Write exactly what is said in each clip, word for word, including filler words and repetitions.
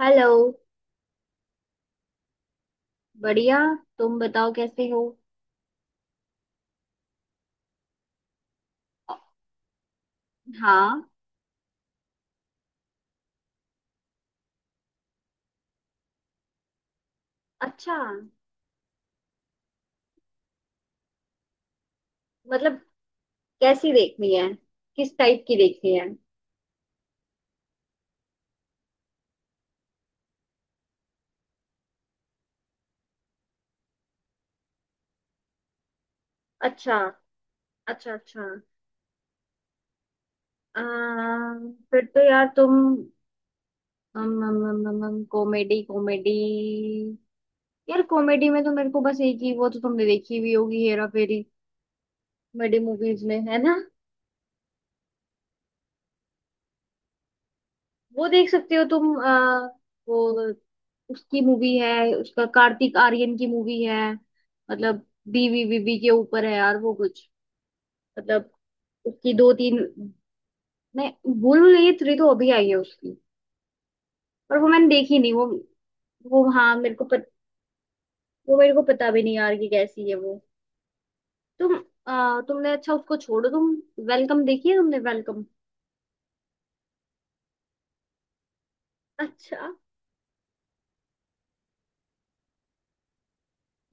Hello. बढ़िया। तुम बताओ कैसे हो। हाँ। अच्छा। मतलब कैसी देखनी है? किस टाइप की देखनी है? अच्छा, अच्छा, अच्छा। अम, फिर तो यार तुम कॉमेडी कॉमेडी, यार कॉमेडी में तो मेरे को बस एक ही वो, तो तुमने देखी भी होगी, हेरा फेरी। कॉमेडी मूवीज में है ना। वो देख सकते हो तुम आ, वो। उसकी मूवी है, उसका कार्तिक आर्यन की मूवी है। मतलब बीवी बीवी के ऊपर है यार वो कुछ। मतलब उसकी दो तीन। मैं भूल नहीं, थ्री तो अभी आई है उसकी, पर वो मैंने देखी नहीं वो। वो हाँ मेरे को पत, वो मेरे को पता भी नहीं यार कि कैसी है वो। तुम आ, तुमने, अच्छा उसको छोड़ो तुम। वेलकम देखी है तुमने? वेलकम। अच्छा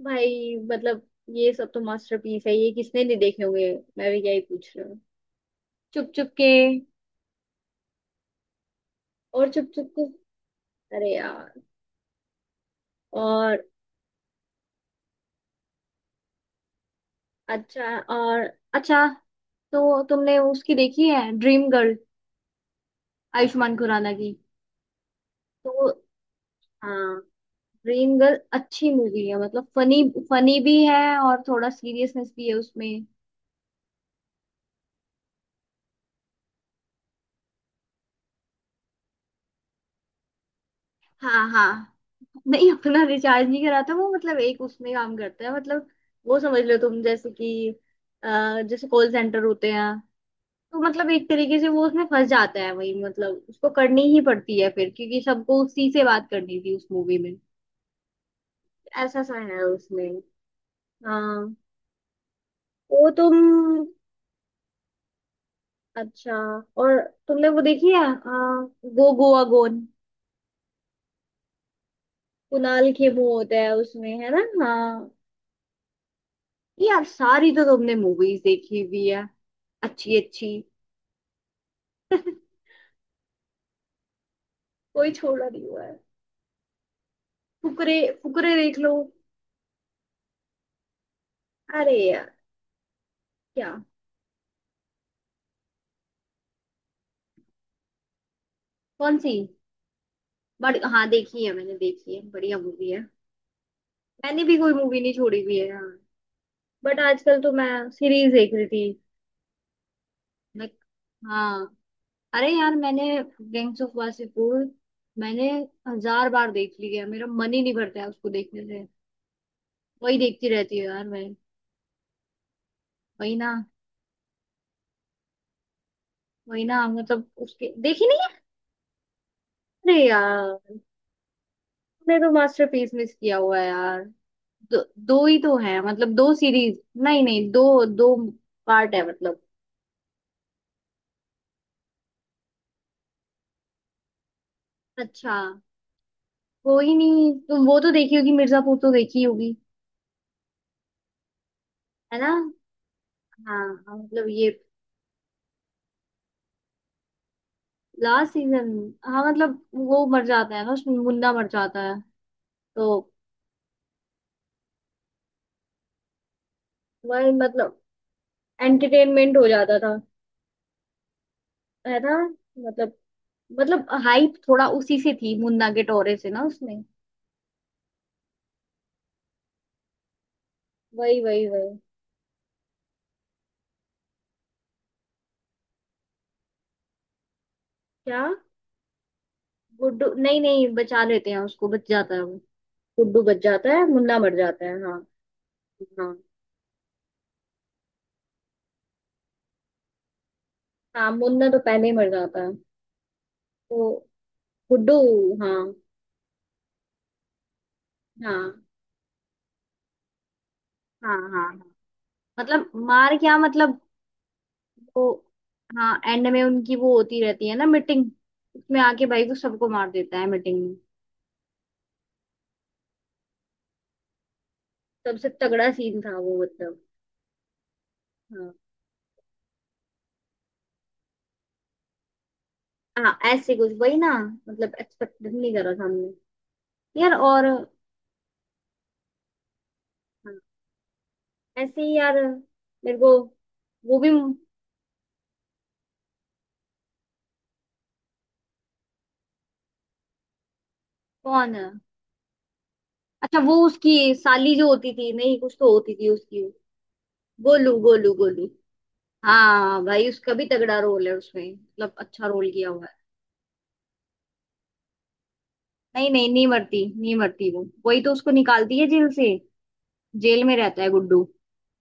भाई, मतलब ये सब तो मास्टरपीस है, ये किसने नहीं देखे होंगे। मैं भी क्या ही पूछ रही हूँ। चुप चुप के। और चुप चुप के, अरे यार! और अच्छा, और अच्छा तो तुमने उसकी देखी है ड्रीम गर्ल, आयुष्मान खुराना की? तो हाँ, ड्रीम गर्ल अच्छी मूवी है, मतलब फनी। फनी भी है और थोड़ा सीरियसनेस भी है उसमें। हाँ, हाँ। नहीं, अपना रिचार्ज नहीं कराता वो, मतलब एक उसमें काम करता है, मतलब वो समझ लो तुम जैसे कि अ, जैसे कॉल सेंटर होते हैं। तो मतलब एक तरीके से वो उसमें फंस जाता है, वही मतलब उसको करनी ही पड़ती है फिर, क्योंकि सबको उसी से बात करनी थी उस मूवी में। ऐसा सा है उसमें। हाँ। वो तुम, अच्छा, और तुमने वो देखी है आ, गो गोवा गोन? कुणाल खेमू होता है उसमें है ना? हाँ। यार सारी तो तुमने मूवीज देखी हुई है, अच्छी अच्छी। कोई छोड़ा नहीं हुआ है। फुकरे। फुकरे देख लो। अरे यार, क्या? कौन सी? बड़ी, हाँ देखी है मैंने, देखी है, बढ़िया मूवी है। मैंने भी कोई मूवी नहीं छोड़ी हुई है यार। बट आजकल तो मैं सीरीज देख रही थी। मैं- हाँ, अरे यार मैंने गैंग्स ऑफ वासेपुर, मैंने हजार बार देख ली है, मेरा मन ही नहीं भरता है उसको देखने से। वही देखती रहती है यार मैं। वही ना। वही ना, मतलब उसके देखी नहीं है? अरे यार, तुमने तो मास्टरपीस मिस किया हुआ है यार। दो, दो ही तो है, मतलब दो सीरीज नहीं नहीं, दो दो पार्ट है मतलब। अच्छा। कोई नहीं, तुम वो तो देखी होगी मिर्जापुर तो देखी होगी। है ना? हाँ, हाँ, मतलब ये लास्ट सीजन। हाँ मतलब, वो मर जाता है ना उसमें, मुन्ना मर जाता है तो। वही मतलब एंटरटेनमेंट हो जाता था। है ना? मतलब, मतलब हाइप थोड़ा उसी से थी, मुन्ना के टोरे से ना उसमें। वही वही वही। क्या? गुड्डू नहीं नहीं, बचा लेते हैं उसको, बच जाता है वो। गुड्डू बच जाता है, मुन्ना मर जाता है, हाँ। हाँ, हाँ। मुन्ना तो पहले ही मर जाता है तो। गुड्डू, हाँ। हाँ, हाँ, हाँ, हाँ। मतलब, मार क्या मतलब। वो, हाँ एंड में उनकी वो होती रहती है ना मीटिंग, उसमें आके भाई को सबको मार देता है मीटिंग। सबसे तगड़ा सीन था वो मतलब। हाँ, हाँ ऐसे कुछ, वही ना। मतलब एक्सपेक्ट नहीं करा था हमने। यार, और हाँ, ऐसे ही यार, मेरे को। वो भी कौन है? अच्छा, वो उसकी साली जो होती थी, नहीं कुछ तो होती थी उसकी। गोलू, गोलू, गोलू। हाँ भाई, उसका भी तगड़ा रोल है उसमें, मतलब अच्छा रोल किया हुआ है। नहीं नहीं नहीं, मरती नहीं, मरती वो, वही तो उसको निकालती है जेल से। जेल में रहता है गुड्डू,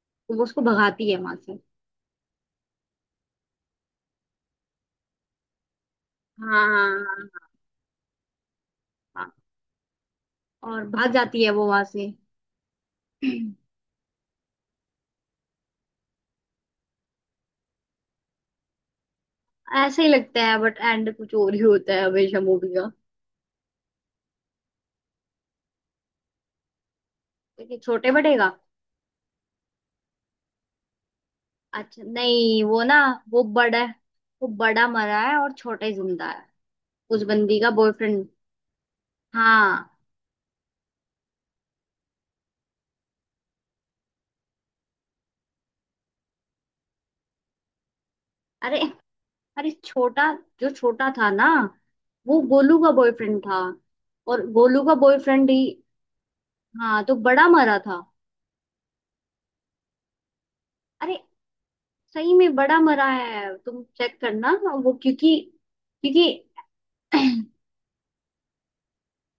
तो वो उसको भगाती है वहां से। हाँ, हाँ, हाँ, हाँ, हाँ। और भाग जाती है वो वहां से। ऐसे ही लगता है, बट एंड कुछ और ही होता है हमेशा मूवी का। देखिए छोटे बड़े का। अच्छा, नहीं वो ना, वो बड़ा है, वो बड़ा मरा है और छोटा ही जिंदा है। उस बंदी का बॉयफ्रेंड। हाँ। अरे, अरे छोटा, जो छोटा था ना, वो गोलू का बॉयफ्रेंड था, और गोलू का बॉयफ्रेंड ही। हाँ, तो बड़ा मरा था। अरे, सही में बड़ा मरा है, तुम चेक करना। वो क्योंकि, क्योंकि,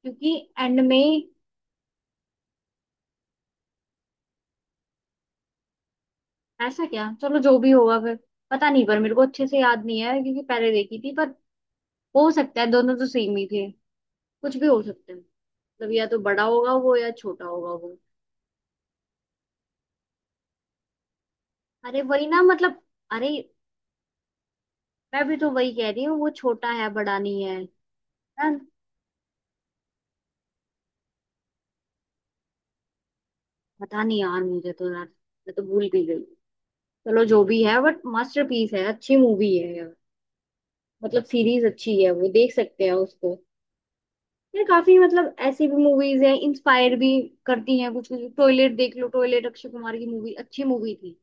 क्योंकि एंड में। ऐसा क्या, चलो जो भी होगा फिर। पता नहीं, पर मेरे को अच्छे से याद नहीं है क्योंकि पहले देखी थी, पर हो सकता है दोनों तो सेम ही थे। कुछ भी हो सकता है। मतलब या तो बड़ा होगा वो या छोटा होगा वो। अरे वही ना, मतलब अरे मैं भी तो वही कह रही हूँ, वो छोटा है बड़ा नहीं है। यार पता नहीं यार, मुझे तो, यार मैं तो भूल भी गई। चलो जो भी है, बट मास्टरपीस है, अच्छी मूवी है यार। मतलब सीरीज अच्छी है, वो देख सकते हैं उसको। यार काफी, मतलब ऐसी भी मूवीज हैं इंस्पायर भी करती हैं कुछ कुछ। टॉयलेट देख लो, टॉयलेट, अक्षय कुमार की मूवी, अच्छी मूवी थी।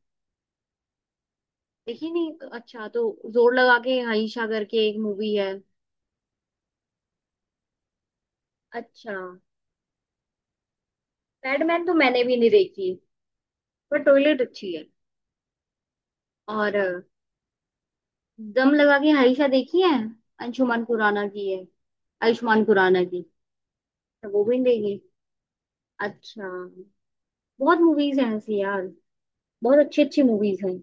देखी नहीं, अच्छा। तो जोर लगा के हाइशा करके एक मूवी है। अच्छा। पैडमैन तो मैंने भी नहीं देखी, पर टॉयलेट अच्छी है। और अ, दम लगा के हाइशा देखी है, अंशुमान खुराना की है, आयुष्मान खुराना की। तो वो भी नहीं देखी। अच्छा। बहुत मूवीज हैं ऐसी यार, बहुत अच्छी अच्छी मूवीज हैं।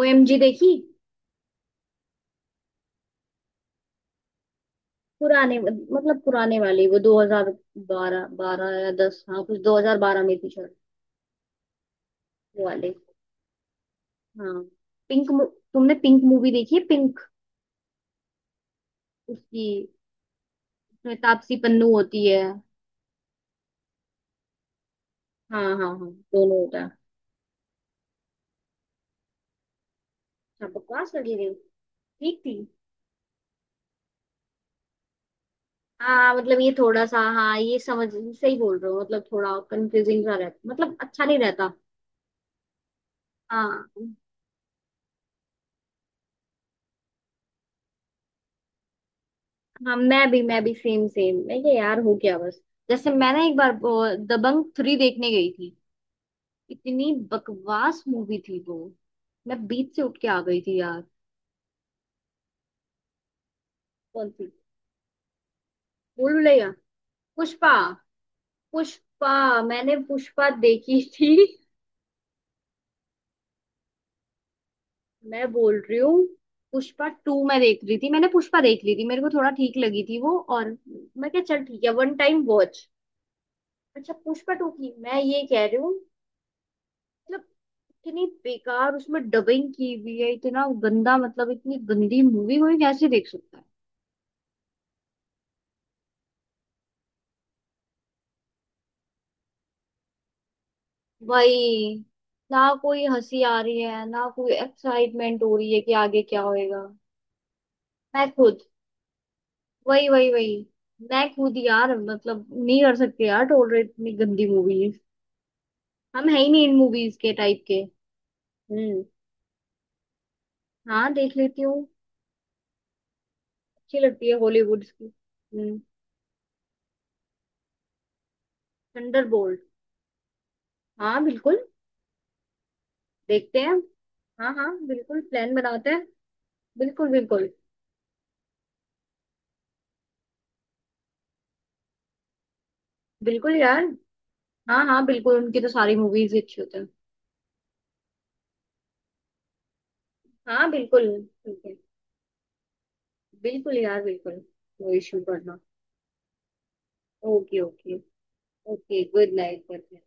ओएमजी देखी? पुराने, मतलब पुराने वाले, वो दो हज़ार बारह, बारह या दस, हाँ कुछ दो हज़ार बारह में थी शायद। वो वाले, हाँ। पिंक मु- तुमने पिंक मूवी देखी है? पिंक, उसकी, उसमें तापसी पन्नू होती है। हाँ, हाँ, हाँ, दोनों होता है। अच्छा, बकवास लगी रही, ठीक थी। हाँ मतलब ये थोड़ा सा, हाँ ये समझ सही बोल रहे हो, मतलब थोड़ा कंफ्यूजिंग सा रहता, मतलब अच्छा नहीं रहता। हाँ, हाँ। मैं भी मैं भी सेम सेम, मैं क्या यार, हो गया बस। जैसे मैं ना एक बार वो दबंग थ्री देखने गई थी। इतनी बकवास मूवी थी वो, मैं बीच से उठ के आ गई थी यार। कौन सी? भूल भुलैया, पुष्पा, पुष्पा। मैंने पुष्पा देखी थी। मैं बोल रही हूँ, पुष्पा टू मैं देख रही थी, मैंने पुष्पा देख ली थी, मेरे को थोड़ा ठीक लगी थी वो, और मैं क्या, चल ठीक है, वन टाइम वॉच। अच्छा, पुष्पा टू की मैं ये कह रही हूँ। मतलब इतनी बेकार उसमें डबिंग की हुई है, इतना गंदा, मतलब इतनी गंदी मूवी कोई कैसे देख सकता है? वही ना, कोई हंसी आ रही है, ना कोई एक्साइटमेंट हो रही है कि आगे क्या होएगा। मैं खुद। वही वही वही। मैं खुद यार, मतलब नहीं कर सकते यार टोलरेट इतनी गंदी मूवीज। हम है ही नहीं इन मूवीज के टाइप के। हम्म। हाँ, देख लेती हूँ। अच्छी लगती है हॉलीवुड की। हम्म। थंडरबोल्ट? हाँ, बिल्कुल। देखते हैं। हाँ, हाँ बिल्कुल, प्लान बनाते हैं। बिल्कुल, बिल्कुल। बिल्कुल यार। हाँ, हाँ बिल्कुल, उनकी तो सारी मूवीज अच्छी होती हैं। हाँ, बिल्कुल। ठीक है। बिल्कुल यार, बिल्कुल। नो इश्यू करना। Okay, okay. Okay, good night good.